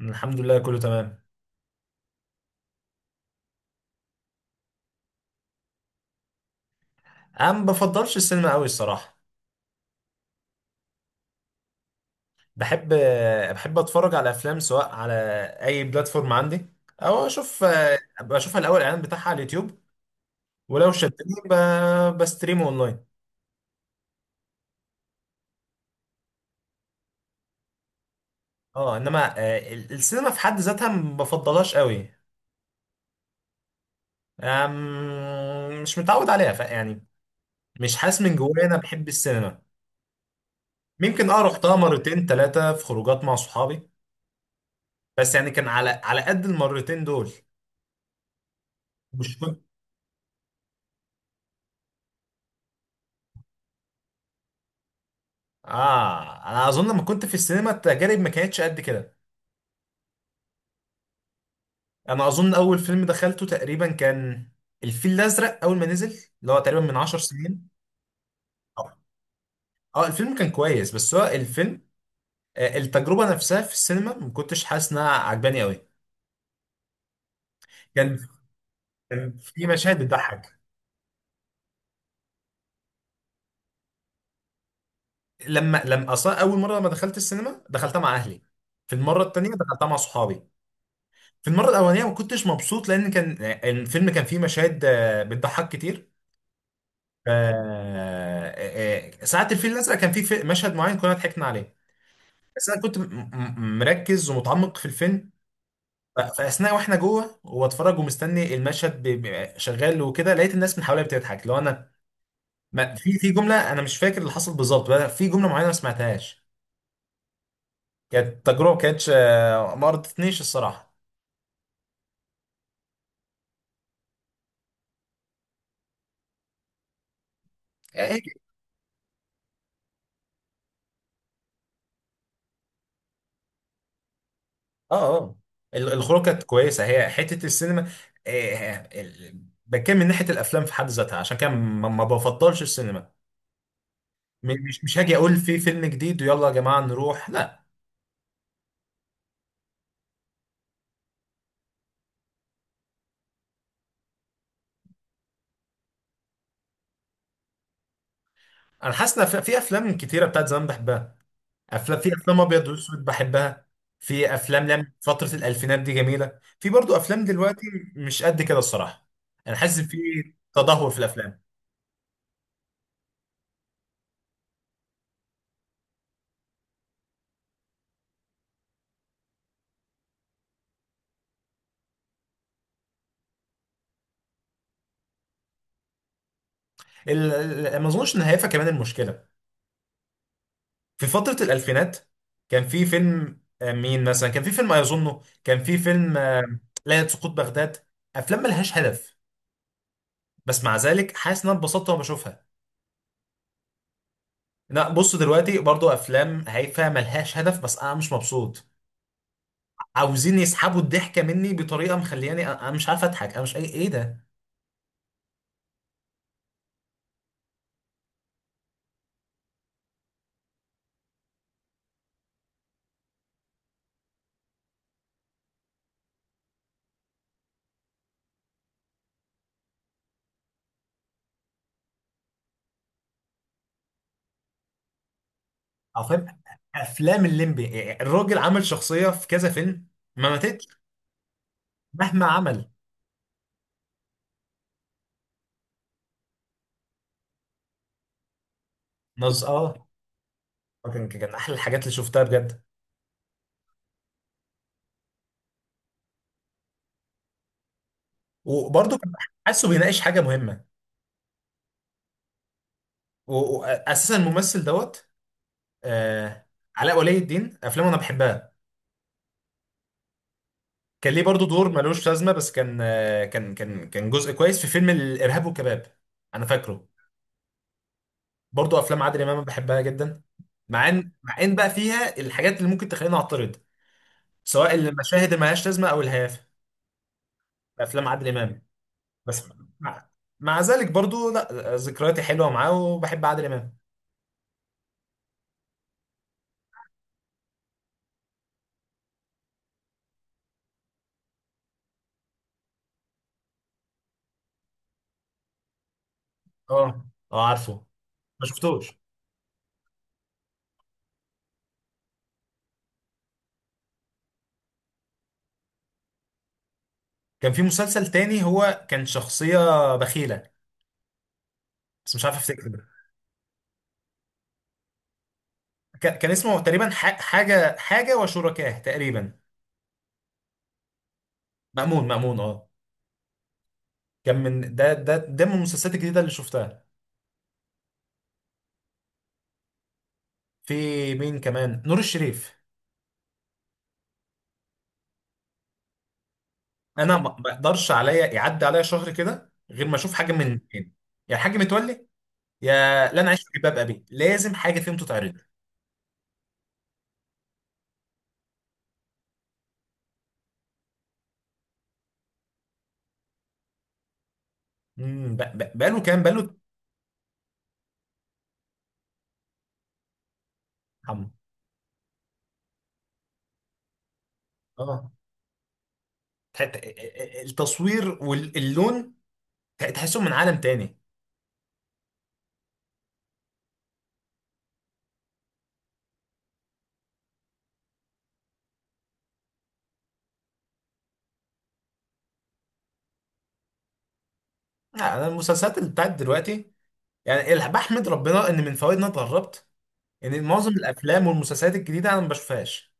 الحمد لله، كله تمام. انا ما بفضلش السينما قوي الصراحه. بحب بحب اتفرج على افلام سواء على اي بلاتفورم عندي. او اشوف، ابقى اشوف الاول الاعلان بتاعها على اليوتيوب. ولو شدني بستريمه اونلاين. اه انما السينما في حد ذاتها ما بفضلهاش قوي. مش متعود عليها يعني مش حاسس من جوايا انا بحب السينما. ممكن رحتها مرتين ثلاثه في خروجات مع صحابي. بس يعني كان على قد المرتين دول. مش، اه انا اظن لما كنت في السينما التجارب ما كانتش قد كده. انا اظن اول فيلم دخلته تقريبا كان الفيل الازرق اول ما نزل، اللي هو تقريبا من 10 سنين. اه، الفيلم كان كويس، بس هو الفيلم التجربه نفسها في السينما ما كنتش حاسس انها عجباني قوي. كان كان في مشاهد بتضحك. لما اصلا اول مره لما دخلت السينما دخلتها مع اهلي. في المره التانيه دخلتها مع صحابي. في المره الاولانيه ما كنتش مبسوط، لان كان الفيلم كان فيه مشاهد بتضحك كتير. ف ساعة الفيل الأزرق كان مشهد معين كنا ضحكنا عليه. بس أنا كنت مركز ومتعمق في الفيلم. فأثناء وإحنا جوه وبتفرج ومستني المشهد شغال وكده، لقيت الناس من حواليا بتضحك لو أنا ما في جملة. أنا مش فاكر اللي حصل بالظبط، بقى في جملة معينة ما سمعتهاش. كانت تجربة ما كانتش ما رضتنيش الصراحة. آه، آه، آه. الخروج كانت كويسة، هي حتة السينما. آه، آه، ال- بتكلم من ناحية الأفلام في حد ذاتها، عشان كده ما بفضلش السينما. مش هاجي اقول في فيلم جديد ويلا يا جماعه نروح، لا. انا حاسس ان في افلام كتيره بتاعت زمان بحبها. افلام، في افلام ابيض واسود بحبها. في افلام لم فتره الالفينات دي جميله. في برضو افلام دلوقتي، مش قد كده الصراحه. انا حاسس إن في تدهور في الافلام. ال- ما اظنش ان هيفا كمان المشكله. في فتره الالفينات كان في فيلم مين مثلا، كان في فيلم اظنه كان في فيلم ليله سقوط بغداد، افلام ملهاش هدف. بس مع ذلك حاسس ان انا اتبسطت وانا بشوفها. لا بص، دلوقتي برضو افلام هايفه ملهاش هدف، بس انا مش مبسوط. عاوزين يسحبوا الضحكه مني بطريقه مخلياني أنا مش عارف اضحك. انا مش، اي، ايه ده؟ او فاهم. افلام الليمبي، يعني الراجل عمل شخصيه في كذا فيلم ما ماتتش مهما عمل. اه، كان احلى الحاجات اللي شفتها بجد. وبرضو كان حاسه بيناقش حاجه مهمه، واساسا الممثل دوت آه، علاء ولي الدين افلامه انا بحبها. كان ليه برضو دور ملوش لازمه، بس كان جزء كويس في فيلم الارهاب والكباب. انا فاكره. برضو افلام عادل امام أنا بحبها جدا، مع ان بقى فيها الحاجات اللي ممكن تخليني اعترض، سواء المشاهد اللي ملهاش لازمه او الهيافه في افلام عادل امام. بس، مع, مع ذلك برضو، لا، ذكرياتي حلوه معاه وبحب عادل امام. اه، اه، عارفه. ما شفتوش. كان في مسلسل تاني هو كان شخصيه بخيله، بس مش عارف افتكر. كان اسمه تقريبا حاجه وشركاه تقريبا. مأمون، مأمون، اه. كان من ده، من المسلسلات الجديدة اللي شفتها. في مين كمان؟ نور الشريف. انا ما اقدرش عليا يعدي عليا شهر كده غير ما اشوف حاجة من الاثنين. يا الحاج متولي، يا لا انا عايش في جلباب ابي، لازم حاجة فيهم تتعرض. امم، بقاله كام، بقاله. عم. اه، ت- ت- التصوير واللون، تحسهم من عالم تاني. لا، انا المسلسلات اللي بتاعت دلوقتي، يعني بحمد ربنا ان من فوائد إن انا اتغربت ان معظم الافلام والمسلسلات الجديدة انا ما بشوفهاش.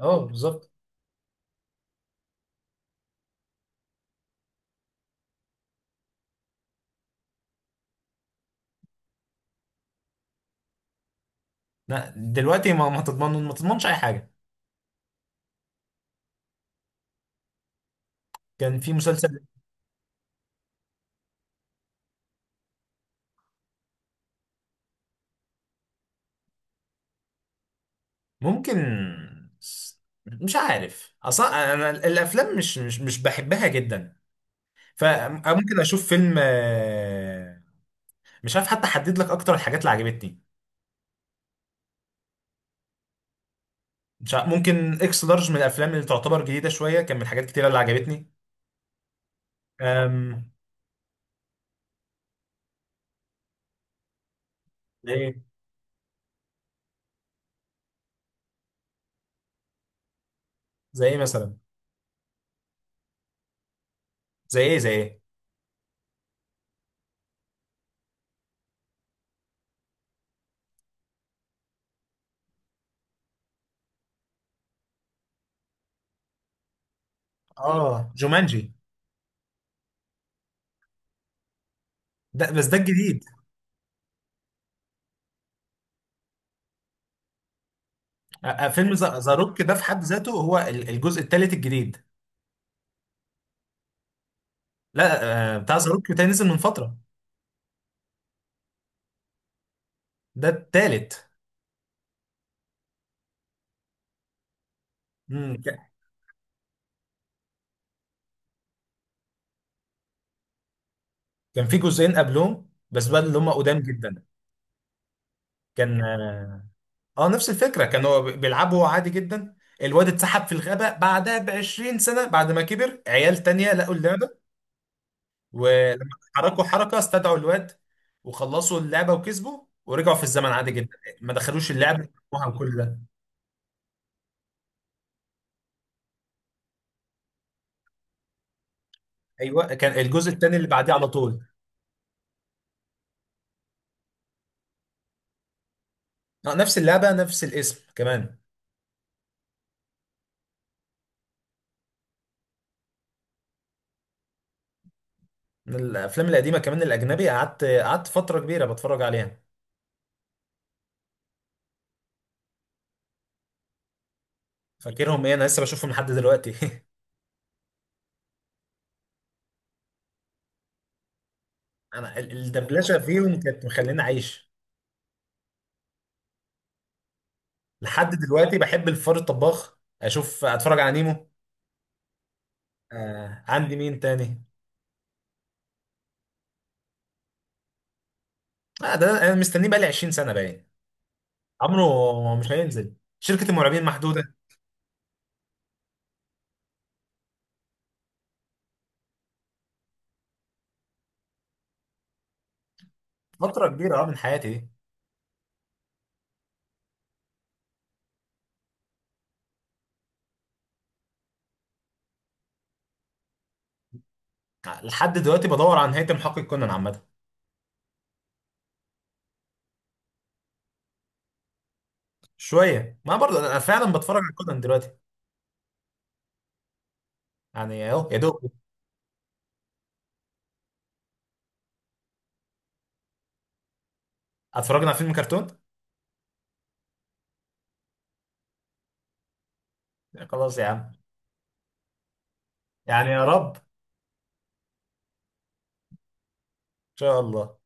اه بالظبط. لا دلوقتي، ما ما تضمن ما تضمنش اي حاجه. كان في مسلسل. ممكن، س- مش عارف اصلا، انا الافلام مش بحبها جدا. فممكن اشوف فيلم مش عارف، حتى احدد لك اكتر الحاجات اللي عجبتني. مش عارف، ممكن اكس لارج من الافلام اللي تعتبر جديده شويه، كان من الحاجات كتيره اللي عجبتني. أم... زي ايه؟ زي ايه مثلا؟ زي ايه؟ زي ايه؟ اه، جومانجي. ده بس ده الجديد. فيلم ذا روك ده في حد ذاته هو الجزء الثالث الجديد. لا، بتاع ذا روك ده نزل من فتره. ده التالت. مم، ك- كان في جزئين قبلهم، بس بقى اللي هم قدام جدا. كان نفس الفكره، كان هو بيلعبه هو عادي جدا. الواد اتسحب في الغابه، بعدها ب 20 سنه بعد ما كبر عيال تانية لقوا اللعبه. ولما حركوا حركه استدعوا الواد، وخلصوا اللعبه وكسبوا ورجعوا في الزمن عادي جدا، ما دخلوش اللعبه وكل ده. ايوه، كان الجزء التاني اللي بعديه على طول نفس اللعبه، نفس الاسم كمان. من الافلام القديمه كمان الاجنبي، قعدت فتره كبيره بتفرج عليها. فاكرهم؟ ايه، انا لسه بشوفهم لحد دلوقتي. انا الدبلجه فيهم كانت مخليني عايش لحد دلوقتي. بحب الفار الطباخ، اشوف، اتفرج على نيمو. آه، عندي مين تاني؟ آه، ده انا مستنيه بقالي 20 سنه باين. عمره مش هينزل، شركه المرعبين محدوده. فتره كبيره، اه، من حياتي دي. لحد دلوقتي بدور عن نهايه محقق كونان عامه. شويه، ما برضه انا فعلا بتفرج على كونان دلوقتي. يعني اهو يا دوب. اتفرجنا على فيلم كرتون. خلاص يا عم. يعني يا رب ان شاء الله.